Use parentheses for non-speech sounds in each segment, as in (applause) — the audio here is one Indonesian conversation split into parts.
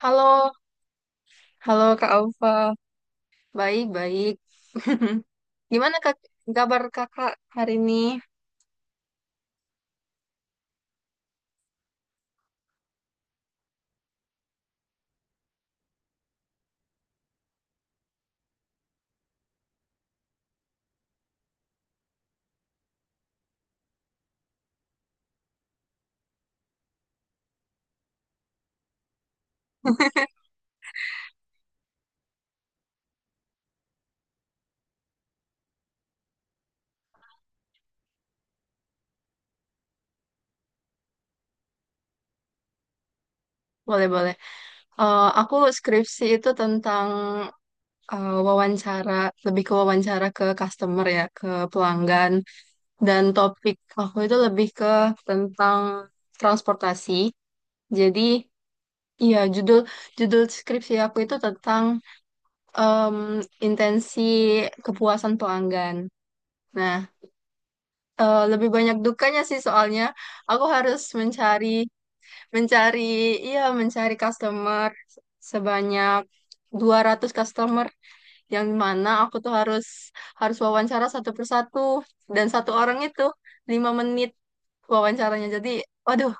Halo, halo Kak Alfa. Baik, baik. (laughs) Gimana Kak kabar Kakak hari ini? Boleh, boleh. Aku skripsi itu tentang wawancara, lebih ke wawancara ke customer ya, ke pelanggan. Dan topik aku itu lebih ke tentang transportasi. Jadi, iya judul judul skripsi aku itu tentang em, intensi kepuasan pelanggan. Nah, lebih banyak dukanya sih soalnya aku harus mencari mencari iya mencari customer sebanyak 200 customer yang mana aku tuh harus harus wawancara satu persatu dan satu orang itu 5 menit wawancaranya jadi waduh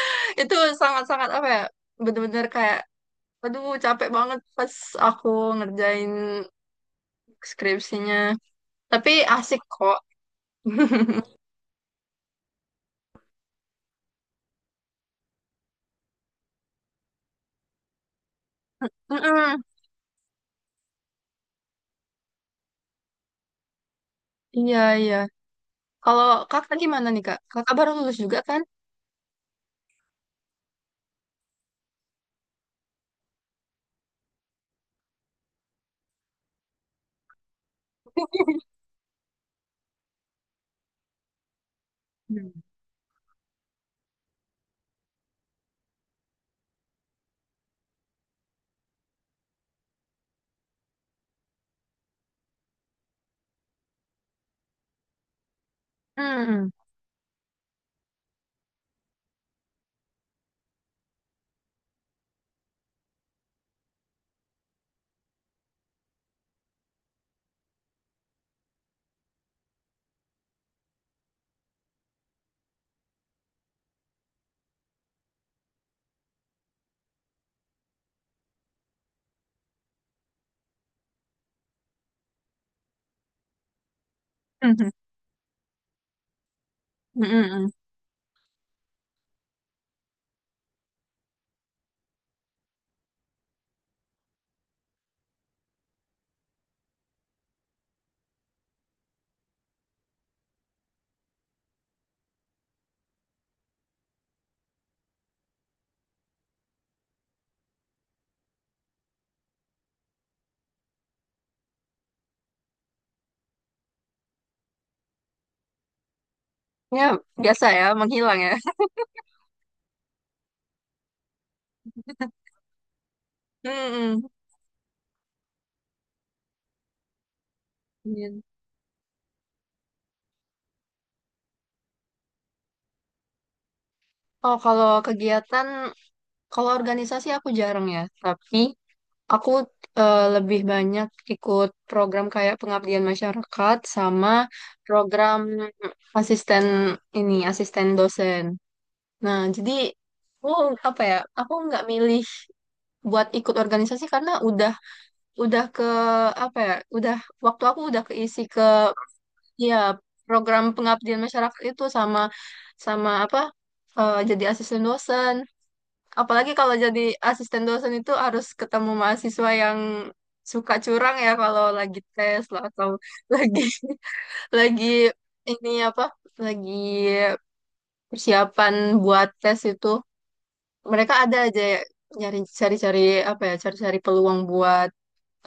(laughs) itu sangat-sangat apa ya bener-bener kayak aduh capek banget pas aku ngerjain skripsinya tapi asik kok. Mm-mm, iya iya. Kalau kakak gimana nih kak? Kakak baru lulus juga kan? (laughs) Hmm. Hmm. Hmm. (laughs) Hmm. Hmm. Ya biasa ya, menghilang ya. (laughs) Hmm. Iya. Oh kalau kegiatan, kalau organisasi aku jarang ya. Tapi aku lebih banyak ikut program kayak pengabdian masyarakat sama program asisten ini, asisten dosen. Nah jadi aku apa ya? Aku nggak milih buat ikut organisasi karena udah ke apa ya udah waktu aku udah keisi ke ya program pengabdian masyarakat itu sama sama apa eh, jadi asisten dosen apalagi kalau jadi asisten dosen itu harus ketemu mahasiswa yang suka curang ya kalau lagi tes lah atau (laughs) lagi lagi ini apa lagi persiapan buat tes itu mereka ada aja ya, nyari cari-cari apa ya cari-cari peluang buat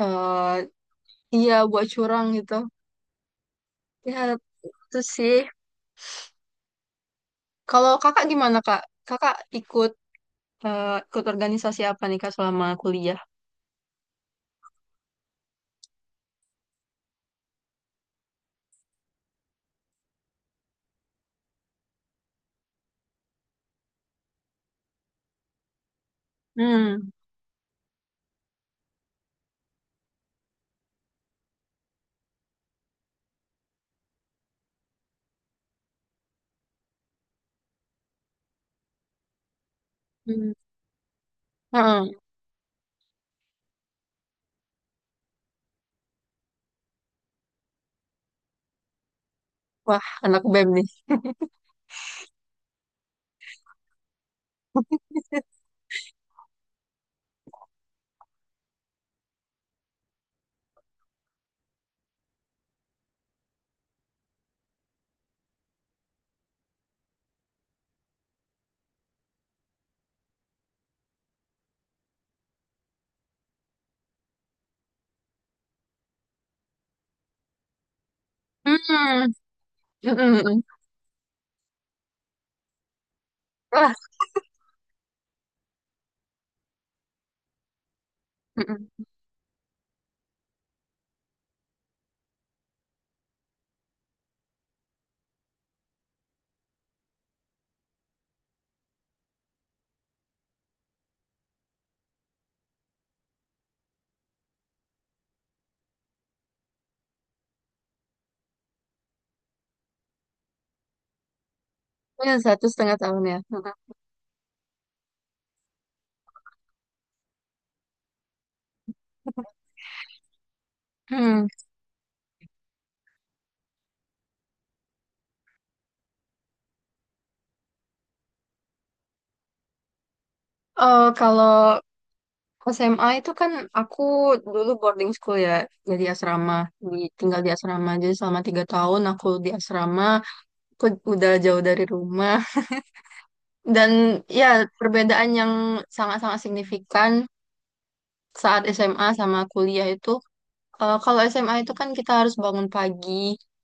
eh, iya buat curang gitu. Ya, itu sih. Kalau kakak gimana, Kak? Kakak ikut ikut organisasi apa nih, Kak, selama kuliah? Hmm. Hmm. Heeh. Wah, anak BEM nih. Hmm. Hmm. Hmm. Wah. Hmm. Ya, 1,5 tahun ya. Hmm. Hmm. Kalau SMA itu kan aku dulu boarding school ya, jadi asrama, di, tinggal di asrama. Jadi selama 3 tahun aku di asrama, aku udah jauh dari rumah. Dan ya perbedaan yang sangat-sangat signifikan saat SMA sama kuliah itu kalau SMA itu kan kita harus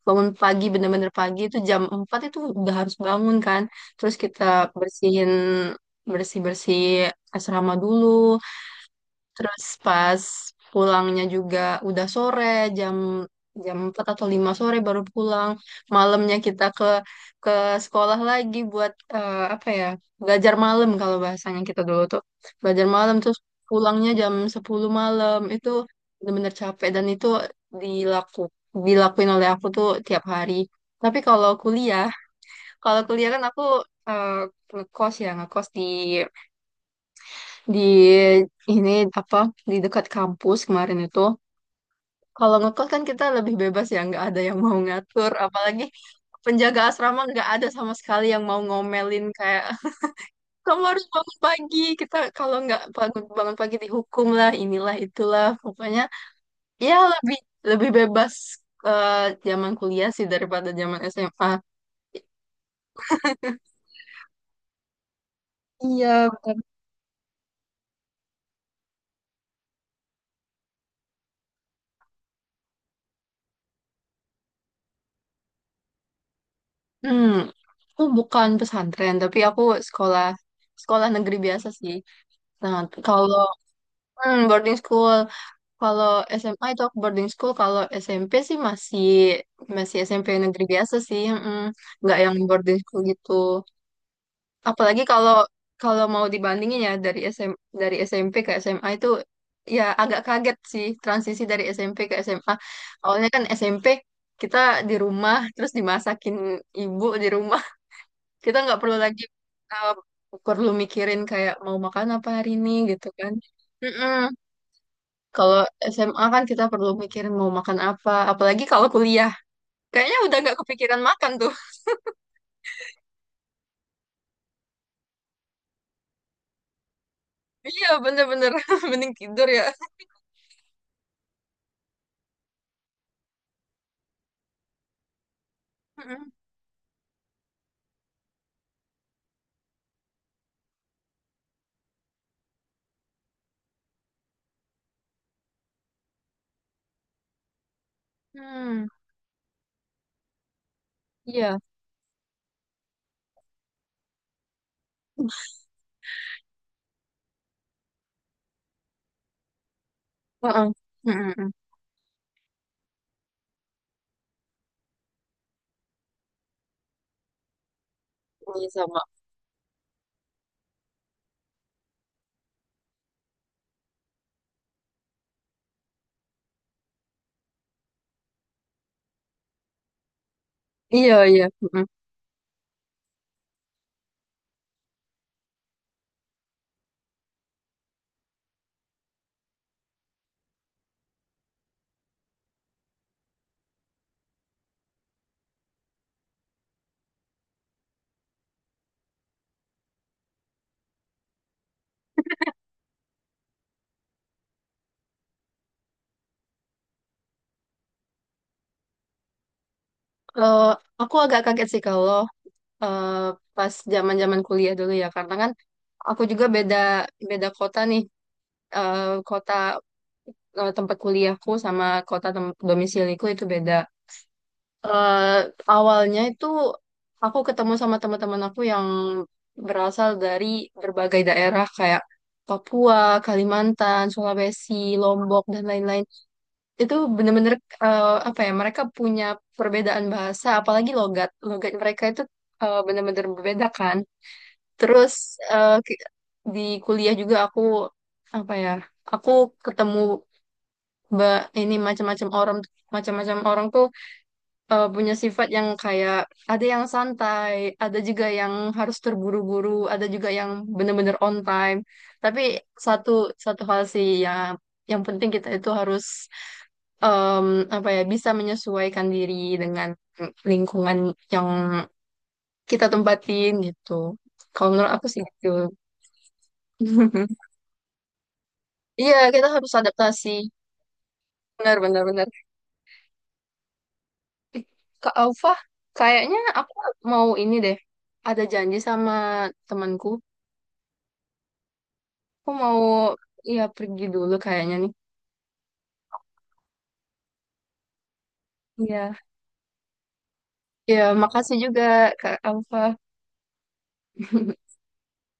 bangun pagi bener-bener pagi itu jam 4 itu udah harus bangun kan terus kita bersihin bersih-bersih asrama dulu. Terus pas pulangnya juga udah sore, jam jam 4 atau 5 sore baru pulang. Malamnya kita ke sekolah lagi buat apa ya? Belajar malam kalau bahasanya kita dulu tuh. Belajar malam terus pulangnya jam 10 malam. Itu bener-bener capek dan itu dilaku dilakuin oleh aku tuh tiap hari. Tapi kalau kuliah kan aku eh, ngekos ya, ngekos di ini apa di dekat kampus kemarin itu kalau ngekos kan kita lebih bebas ya nggak ada yang mau ngatur apalagi penjaga asrama nggak ada sama sekali yang mau ngomelin kayak kamu harus bangun pagi kita kalau nggak bangun bangun pagi dihukum lah inilah itulah pokoknya ya lebih lebih bebas eh, zaman kuliah sih daripada zaman SMA. Iya, benar. Hmm, aku bukan pesantren, tapi aku sekolah sekolah negeri biasa sih. Nah, kalau Hmm, boarding school. Kalau SMA itu aku boarding school. Kalau SMP sih masih masih SMP negeri biasa sih. Mm, nggak yang boarding school gitu. Apalagi kalau kalau mau dibandingin ya dari SM dari SMP ke SMA itu ya agak kaget sih transisi dari SMP ke SMA. Awalnya kan SMP kita di rumah terus dimasakin ibu di rumah. (laughs) Kita nggak perlu lagi eh, perlu mikirin kayak mau makan apa hari ini gitu kan. Mm-mm. Kalau SMA kan kita perlu mikirin mau makan apa, apalagi kalau kuliah. Kayaknya udah nggak kepikiran makan tuh. (laughs) Iya, bener-bener. (laughs) Mending tidur ya. Mm-mm. Hmm, iya. Heeh. Mm-mm. Iya sama. Iya, iya. Mm-mm. Eh, aku agak kaget sih kalau eh, pas zaman-zaman kuliah dulu ya, karena kan aku juga beda beda kota nih. Eh, kota tempat kuliahku sama kota tem- domisiliku itu beda. eh awalnya itu aku ketemu sama teman-teman aku yang berasal dari berbagai daerah kayak Papua, Kalimantan, Sulawesi, Lombok dan lain-lain. Itu bener-bener apa ya? Mereka punya perbedaan bahasa, apalagi logat. Logat mereka itu bener-bener berbeda kan. Terus eh, ki- di kuliah juga aku apa ya? Aku ketemu ba- ini macam-macam orang tuh punya sifat yang kayak ada yang santai, ada juga yang harus terburu-buru, ada juga yang bener-bener on time. Tapi satu satu hal sih ya, yang penting kita itu harus em, apa ya bisa menyesuaikan diri dengan lingkungan yang kita tempatin gitu. Kalau menurut aku sih gitu. (laughs) Iya, kita harus adaptasi. Benar, benar, benar. Kak Alfa, kayaknya aku mau ini deh. Ada janji sama temanku. Aku mau ya pergi dulu kayaknya nih. Iya. Ya, makasih juga Kak Alfa. (laughs)